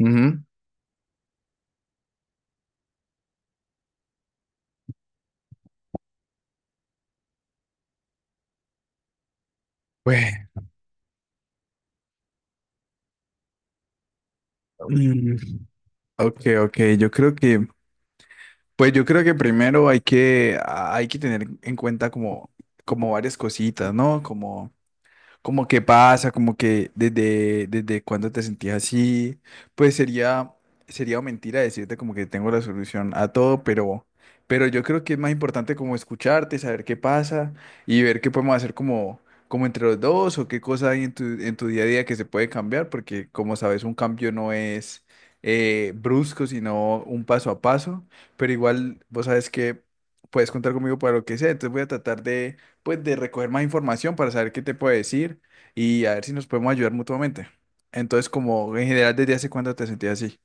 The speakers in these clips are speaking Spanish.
Ujú. Pues, mm, ok, ok, yo creo pues yo creo que primero hay que tener en cuenta como, como varias cositas, ¿no? Como qué pasa, como que desde cuándo te sentías así, pues sería, sería mentira decirte como que tengo la solución a todo, pero yo creo que es más importante como escucharte, saber qué pasa y ver qué podemos hacer como, como entre los dos o qué cosa hay en tu día a día que se puede cambiar, porque como sabes, un cambio no es brusco, sino un paso a paso, pero igual vos sabes que puedes contar conmigo para lo que sea, entonces voy a tratar de pues de recoger más información para saber qué te puede decir y a ver si nos podemos ayudar mutuamente. Entonces, como en general, ¿desde hace cuánto te sentías así?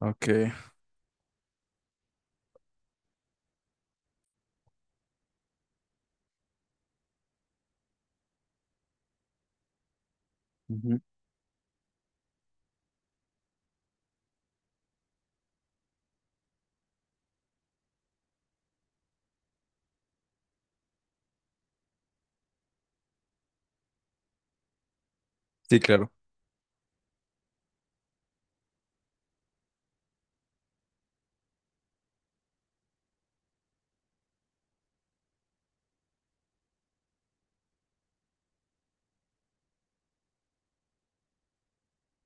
Ok. Ujú. Sí, claro.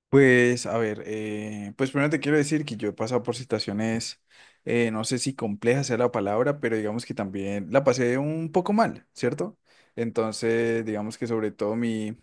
Pues, a ver, pues primero te quiero decir que yo he pasado por situaciones, no sé si compleja sea la palabra, pero digamos que también la pasé un poco mal, ¿cierto? Entonces, digamos que sobre todo mi,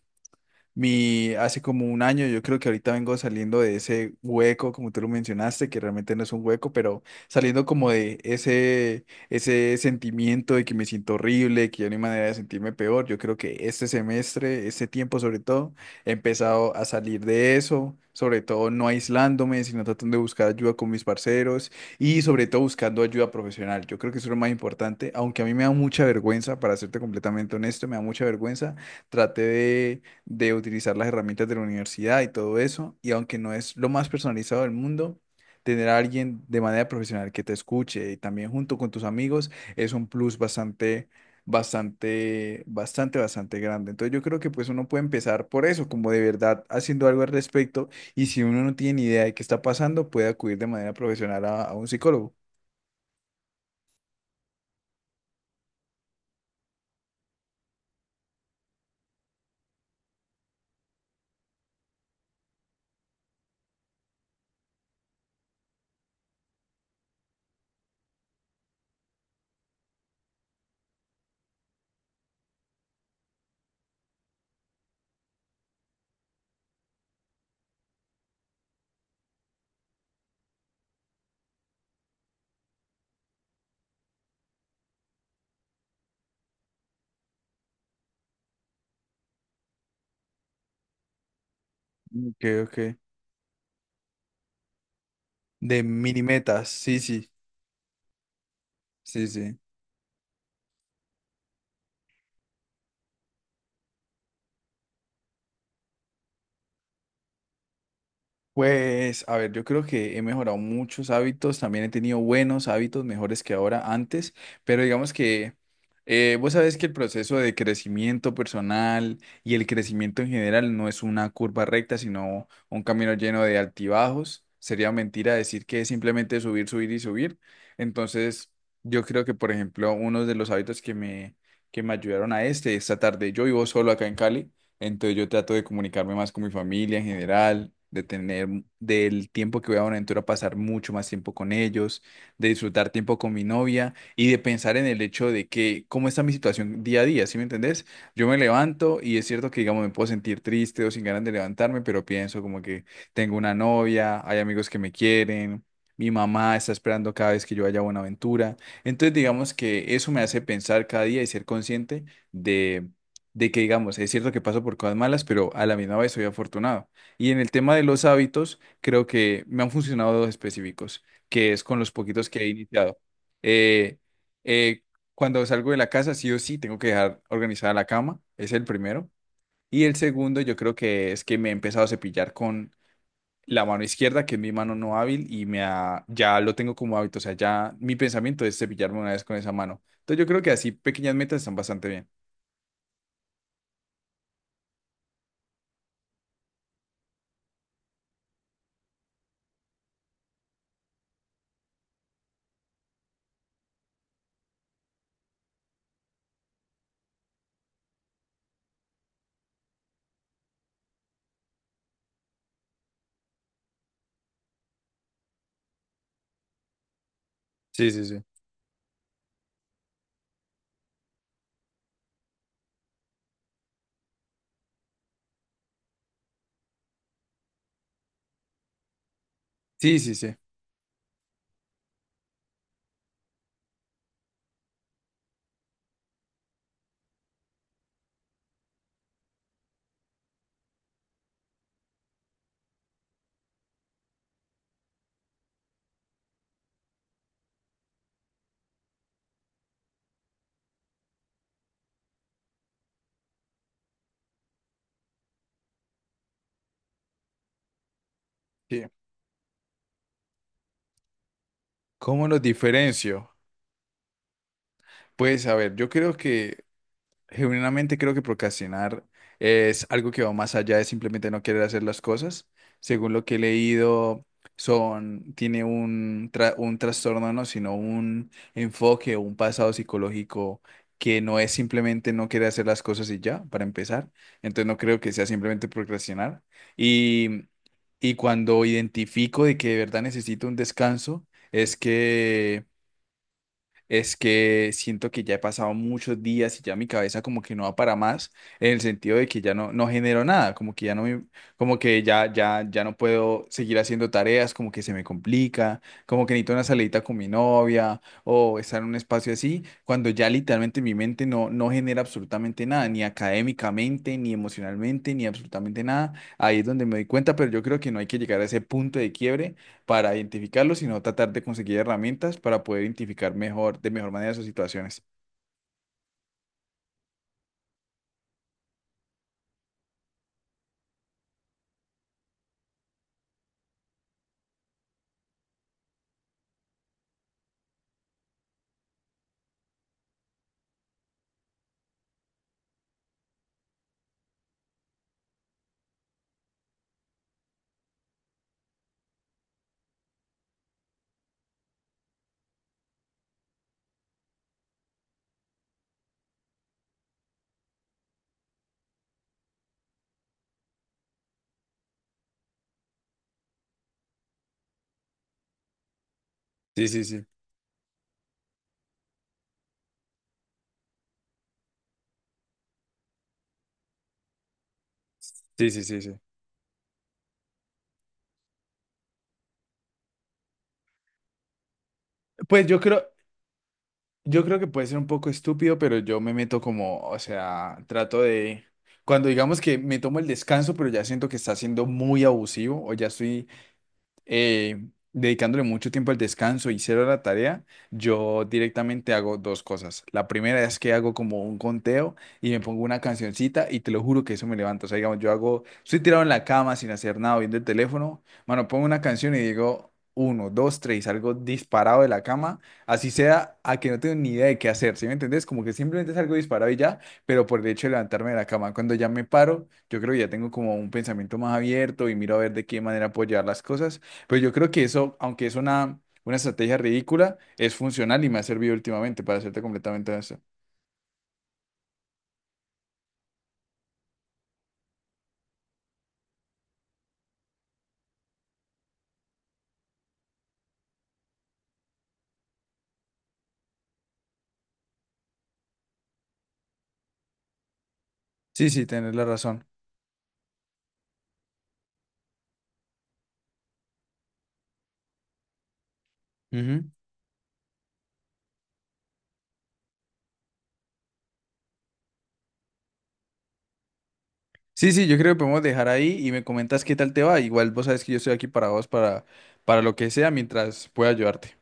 Mi, hace como 1 año, yo creo que ahorita vengo saliendo de ese hueco, como tú lo mencionaste, que realmente no es un hueco, pero saliendo como de ese sentimiento de que me siento horrible, que ya no hay manera de sentirme peor. Yo creo que este semestre, este tiempo sobre todo, he empezado a salir de eso, sobre todo no aislándome, sino tratando de buscar ayuda con mis parceros y sobre todo buscando ayuda profesional. Yo creo que eso es lo más importante, aunque a mí me da mucha vergüenza, para serte completamente honesto, me da mucha vergüenza. Traté de utilizar las herramientas de la universidad y todo eso. Y aunque no es lo más personalizado del mundo, tener a alguien de manera profesional que te escuche y también junto con tus amigos es un plus bastante grande. Entonces yo creo que pues uno puede empezar por eso, como de verdad haciendo algo al respecto. Y si uno no tiene ni idea de qué está pasando, puede acudir de manera profesional a un psicólogo. Ok, ok. De mini metas, sí, sí, sí, sí. Pues, a ver, yo creo que he mejorado muchos hábitos, también he tenido buenos hábitos, mejores que ahora antes, pero digamos que vos sabés que el proceso de crecimiento personal y el crecimiento en general no es una curva recta, sino un camino lleno de altibajos. Sería mentira decir que es simplemente subir, subir y subir. Entonces, yo creo que, por ejemplo, uno de los hábitos que me ayudaron a este, esta tarde, yo vivo solo acá en Cali. Entonces yo trato de comunicarme más con mi familia en general, de tener del tiempo que voy a Buenaventura pasar mucho más tiempo con ellos, de disfrutar tiempo con mi novia y de pensar en el hecho de que cómo está mi situación día a día, ¿sí me entendés? Yo me levanto y es cierto que digamos me puedo sentir triste o sin ganas de levantarme, pero pienso como que tengo una novia, hay amigos que me quieren. Mi mamá está esperando cada vez que yo vaya a Buenaventura. Entonces, digamos que eso me hace pensar cada día y ser consciente de de que digamos, es cierto que paso por cosas malas, pero a la misma vez soy afortunado. Y en el tema de los hábitos, creo que me han funcionado dos específicos, que es con los poquitos que he iniciado. Eh, eh, cuando salgo de la casa, sí o sí, tengo que dejar organizada la cama, es el primero. Y el segundo, yo creo que es que me he empezado a cepillar con la mano izquierda, que es mi mano no hábil, y ya lo tengo como hábito, o sea, ya mi pensamiento es cepillarme una vez con esa mano. Entonces yo creo que así pequeñas metas están bastante bien. Sí, sí, sí. Sí, sí, sí. Sí. ¿Cómo los diferencio? Pues a ver, yo creo genuinamente creo que procrastinar es algo que va más allá de simplemente no querer hacer las cosas. Según lo que he leído, tiene un trastorno, no, sino un enfoque o un pasado psicológico que no es simplemente no querer hacer las cosas y ya, para empezar. Entonces no creo que sea simplemente procrastinar. Y, y cuando identifico de que de verdad necesito un descanso, es que es que siento que ya he pasado muchos días y ya mi cabeza como que no va para más, en el sentido de que ya no genero nada, como que ya no me, como que ya no puedo seguir haciendo tareas, como que se me complica, como que necesito una salidita con mi novia o estar en un espacio así, cuando ya literalmente mi mente no genera absolutamente nada, ni académicamente, ni emocionalmente, ni absolutamente nada. Ahí es donde me doy cuenta, pero yo creo que no hay que llegar a ese punto de quiebre para identificarlo, sino tratar de conseguir herramientas para poder identificar mejor, de mejor manera sus situaciones. Sí, sí, sí. Sí, sí, sí, sí. Pues yo creo, yo creo que puede ser un poco estúpido, pero yo me meto como, o sea, trato de, cuando digamos que me tomo el descanso, pero ya siento que está siendo muy abusivo o ya estoy eh, dedicándole mucho tiempo al descanso y cero a la tarea, yo directamente hago dos cosas. La primera es que hago como un conteo y me pongo una cancioncita y te lo juro que eso me levanta. O sea, digamos, yo hago, estoy tirado en la cama sin hacer nada, viendo el teléfono, mano, pongo una canción y digo... Uno, dos, tres, algo disparado de la cama, así sea a que no tengo ni idea de qué hacer, ¿sí me entendés? Como que simplemente salgo disparado y ya, pero por el hecho de levantarme de la cama, cuando ya me paro, yo creo que ya tengo como un pensamiento más abierto y miro a ver de qué manera puedo llevar las cosas pues yo creo que eso, aunque es una estrategia ridícula, es funcional y me ha servido últimamente para hacerte completamente honesto. Sí, sí, tenés la razón. Ujú. Sí, sí, yo creo que podemos dejar ahí y me comentas qué tal te va. Igual vos sabes que yo estoy aquí para vos, para lo que sea, mientras pueda ayudarte.